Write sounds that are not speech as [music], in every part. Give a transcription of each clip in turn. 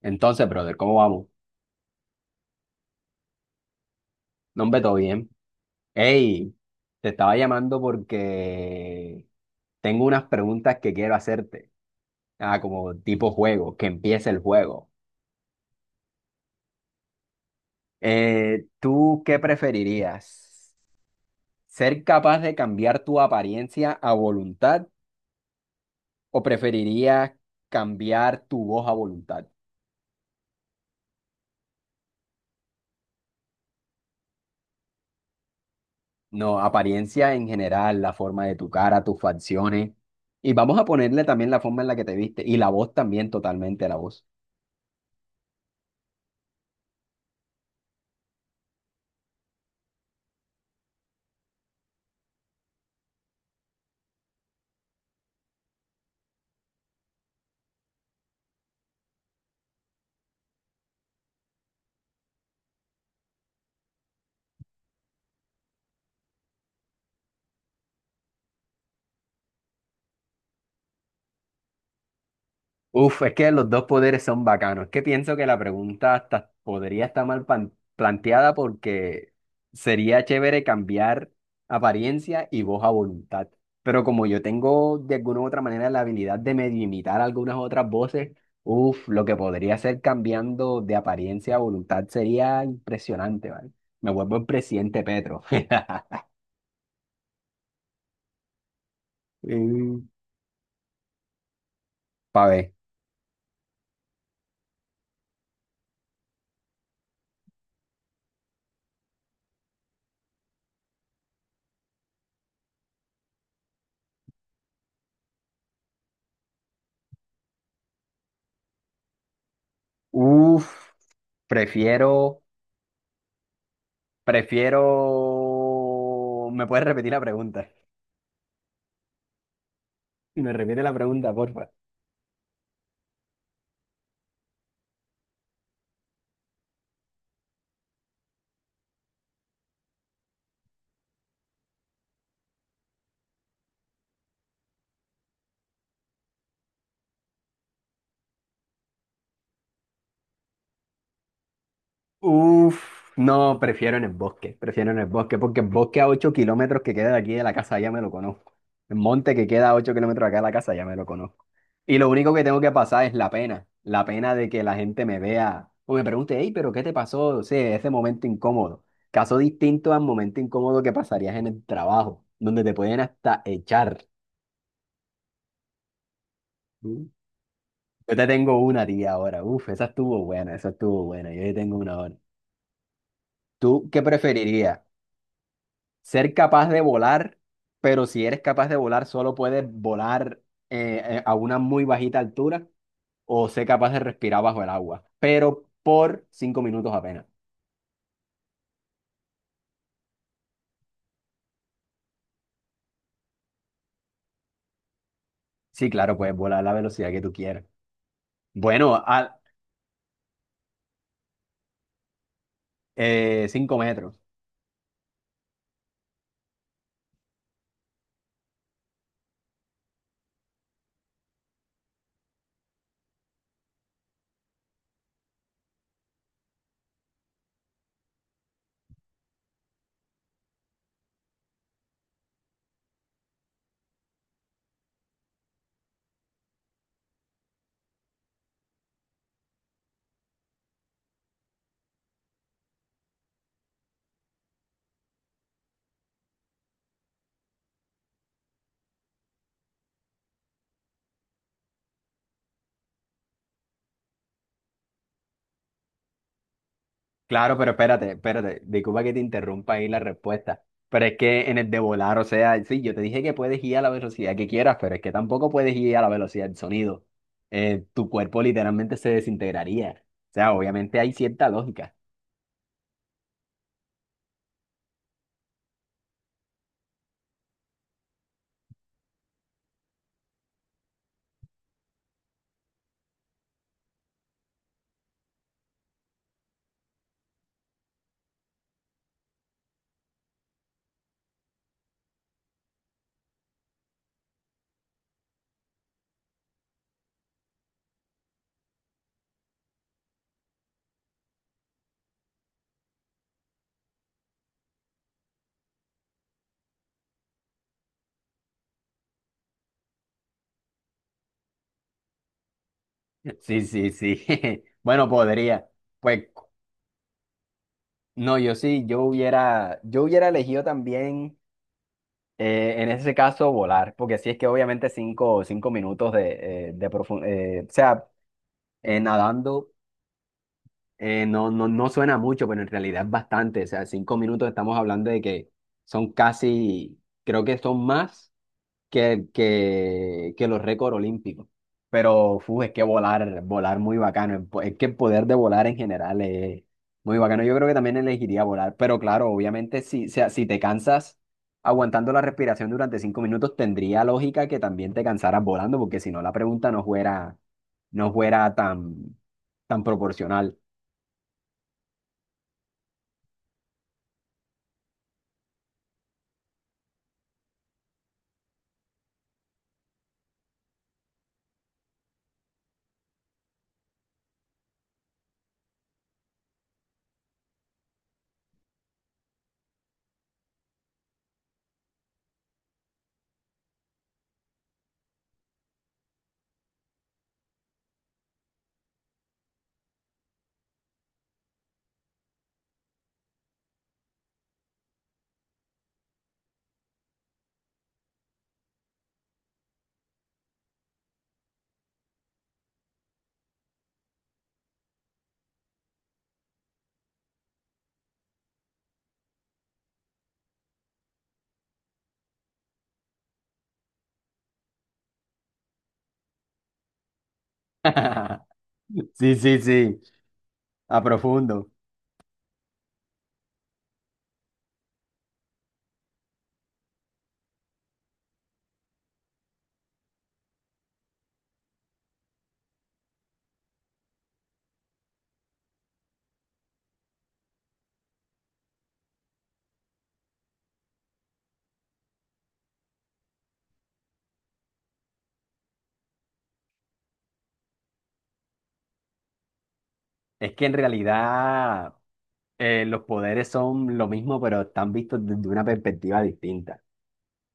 Entonces, brother, ¿cómo vamos? No, hombre, todo bien. Hey, te estaba llamando porque tengo unas preguntas que quiero hacerte. Ah, como tipo juego, que empiece el juego. ¿Tú qué preferirías? ¿Ser capaz de cambiar tu apariencia a voluntad o preferirías cambiar tu voz a voluntad? No, apariencia en general, la forma de tu cara, tus facciones. Y vamos a ponerle también la forma en la que te viste y la voz también, totalmente la voz. Uf, es que los dos poderes son bacanos. Es que pienso que la pregunta hasta podría estar mal planteada porque sería chévere cambiar apariencia y voz a voluntad. Pero como yo tengo de alguna u otra manera la habilidad de medio imitar algunas otras voces, uf, lo que podría hacer cambiando de apariencia a voluntad sería impresionante, ¿vale? Me vuelvo el presidente Petro. [laughs] Mm, Pa' ver. Uf, prefiero. ¿Me puedes repetir la pregunta? Me repite la pregunta, porfa. Uf, no, prefiero en el bosque, prefiero en el bosque, porque el bosque a 8 kilómetros que queda de aquí de la casa ya me lo conozco. El monte que queda a 8 kilómetros de acá de la casa ya me lo conozco. Y lo único que tengo que pasar es la pena de que la gente me vea o me pregunte, hey, pero ¿qué te pasó? O sea, ese momento incómodo. Caso distinto al momento incómodo que pasarías en el trabajo, donde te pueden hasta echar. Yo te tengo una a ti ahora. Uf, esa estuvo buena, esa estuvo buena. Yo te tengo una ahora. ¿Tú qué preferirías? ¿Ser capaz de volar, pero si eres capaz de volar, solo puedes volar a una muy bajita altura? ¿O ser capaz de respirar bajo el agua, pero por cinco minutos apenas? Sí, claro, puedes volar a la velocidad que tú quieras. Bueno, a cinco metros. Claro, pero espérate, espérate, disculpa que te interrumpa ahí la respuesta, pero es que en el de volar, o sea, sí, yo te dije que puedes ir a la velocidad que quieras, pero es que tampoco puedes ir a la velocidad del sonido. Tu cuerpo literalmente se desintegraría. O sea, obviamente hay cierta lógica. [laughs] Sí, sí, sí. [laughs] Bueno, podría. Pues no, yo sí, yo hubiera elegido también, en ese caso, volar, porque sí es que obviamente cinco minutos de profundidad, o sea, nadando. No, no, no suena mucho, pero en realidad es bastante. O sea, cinco minutos estamos hablando de que son casi, creo que son más que los récords olímpicos. Pero fu, es que volar, volar muy bacano. Es que el poder de volar en general es muy bacano. Yo creo que también elegiría volar. Pero claro, obviamente, si, o sea, si te cansas aguantando la respiración durante cinco minutos, tendría lógica que también te cansaras volando, porque si no, la pregunta no fuera tan proporcional. [laughs] Sí, sí, sí, a profundo. Es que en realidad los poderes son lo mismo, pero están vistos desde una perspectiva distinta.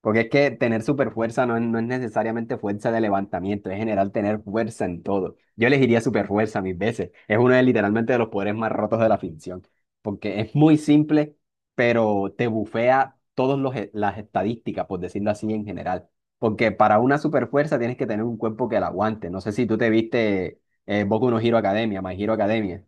Porque es que tener super fuerza no es necesariamente fuerza de levantamiento, es general tener fuerza en todo. Yo elegiría super fuerza mil veces. Es uno de literalmente de los poderes más rotos de la ficción. Porque es muy simple, pero te bufea todas las estadísticas, por decirlo así en general. Porque para una super fuerza tienes que tener un cuerpo que la aguante. No sé si tú te viste Boku no Hero Academia, My Hero Academia.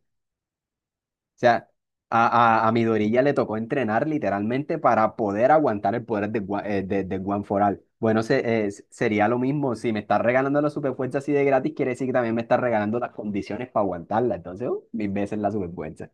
O sea, a Midoriya ya le tocó entrenar literalmente para poder aguantar el poder de One For All. Bueno, sería lo mismo. Si me estás regalando la superfuerza así de gratis, quiere decir que también me estás regalando las condiciones para aguantarla. Entonces, mil veces la superfuerza.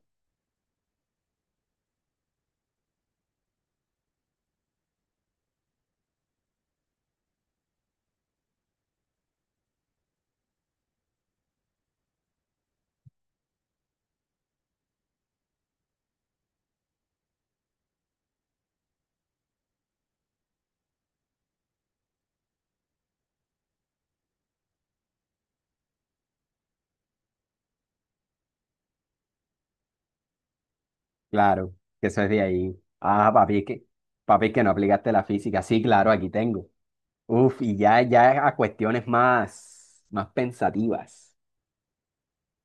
Claro, que eso es de ahí. Ah, papi, es que no aplicaste la física. Sí, claro, aquí tengo. Uf, y ya, ya a cuestiones más, más pensativas.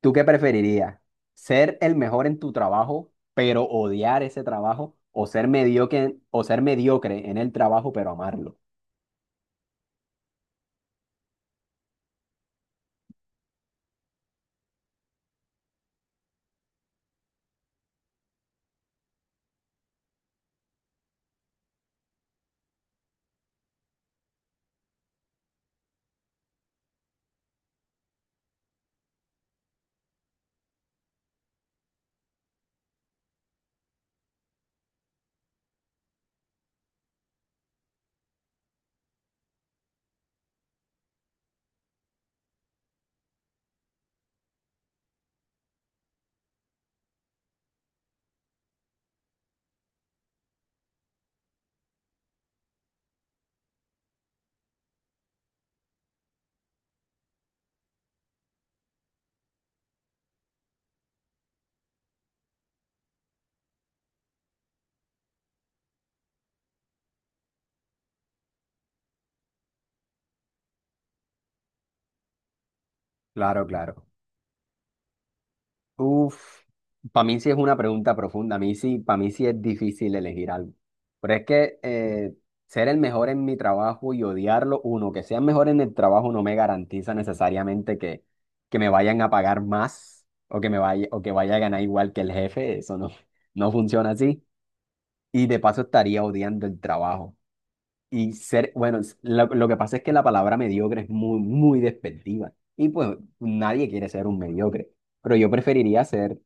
¿Tú qué preferirías? ¿Ser el mejor en tu trabajo, pero odiar ese trabajo? ¿O ser mediocre, en el trabajo, pero amarlo? Claro, claro. Uf, para mí sí es una pregunta profunda. A mí sí, para mí sí es difícil elegir algo. Pero es que ser el mejor en mi trabajo y odiarlo, uno, que sea mejor en el trabajo no me garantiza necesariamente que me vayan a pagar más o que me vaya, o que vaya a ganar igual que el jefe. Eso no, no funciona así. Y de paso estaría odiando el trabajo. Bueno, lo que pasa es que la palabra mediocre es muy, muy despectiva. Y pues nadie quiere ser un mediocre. Pero yo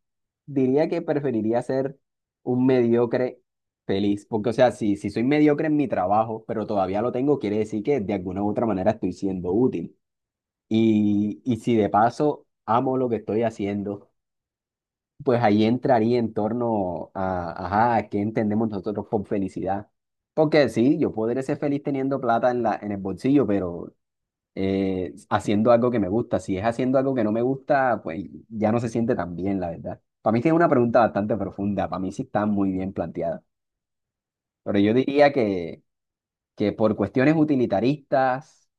diría que preferiría ser un mediocre feliz. Porque, o sea, si soy mediocre en mi trabajo, pero todavía lo tengo, quiere decir que de alguna u otra manera estoy siendo útil. Y si de paso amo lo que estoy haciendo. Pues ahí entraría en torno a, ajá, a qué entendemos nosotros por felicidad. Porque sí, yo podré ser feliz teniendo plata en el bolsillo, pero haciendo algo que me gusta. Si es haciendo algo que no me gusta, pues ya no se siente tan bien, la verdad. Para mí sí es una pregunta bastante profunda, para mí sí está muy bien planteada. Pero yo diría que por cuestiones utilitaristas,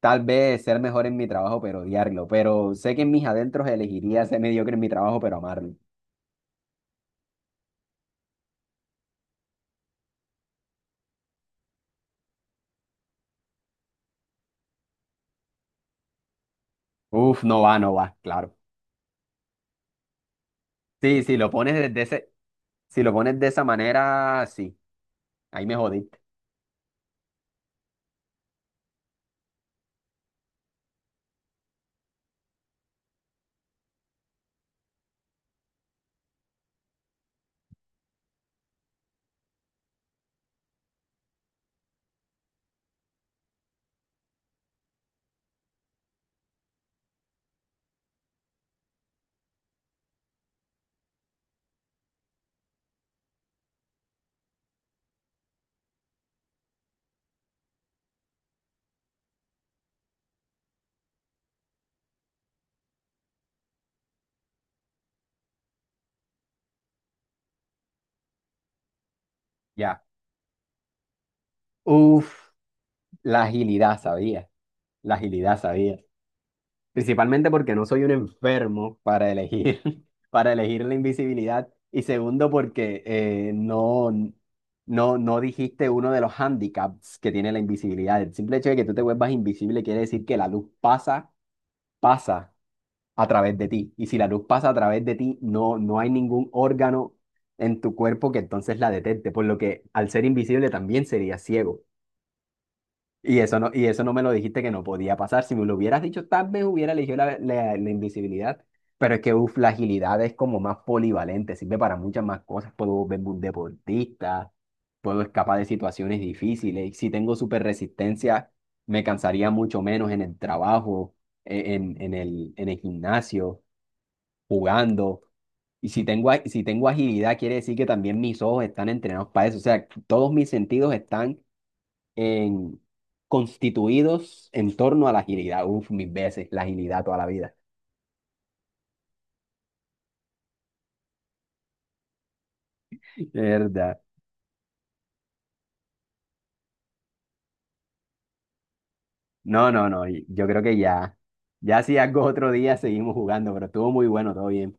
tal vez ser mejor en mi trabajo, pero odiarlo. Pero sé que en mis adentros elegiría ser mediocre en mi trabajo, pero amarlo. Uf, no va, no va, claro. Sí, si lo pones desde ese, si lo pones de esa manera, sí, ahí me jodiste. Ya. Uf, la agilidad, sabía. La agilidad, sabía. Principalmente porque no soy un enfermo para elegir, [laughs] para elegir la invisibilidad. Y segundo, porque no, dijiste uno de los handicaps que tiene la invisibilidad. El simple hecho de que tú te vuelvas invisible quiere decir que la luz pasa a través de ti. Y si la luz pasa a través de ti, no hay ningún órgano en tu cuerpo que entonces la detecte, por lo que al ser invisible también sería ciego. Y eso no me lo dijiste que no podía pasar. Si me lo hubieras dicho, tal vez hubiera elegido la invisibilidad. Pero es que uf, la agilidad es como más polivalente, sirve para muchas más cosas. Puedo volverme un deportista, puedo escapar de situaciones difíciles. Y si tengo super resistencia, me cansaría mucho menos en el trabajo, en el gimnasio jugando. Y si tengo agilidad, quiere decir que también mis ojos están entrenados para eso. O sea, todos mis sentidos están en, constituidos en torno a la agilidad. Uf, mis veces, la agilidad toda la vida. [laughs] Verdad. No, no, no. Y yo creo que ya, ya si algo otro día seguimos jugando, pero estuvo muy bueno, todo bien.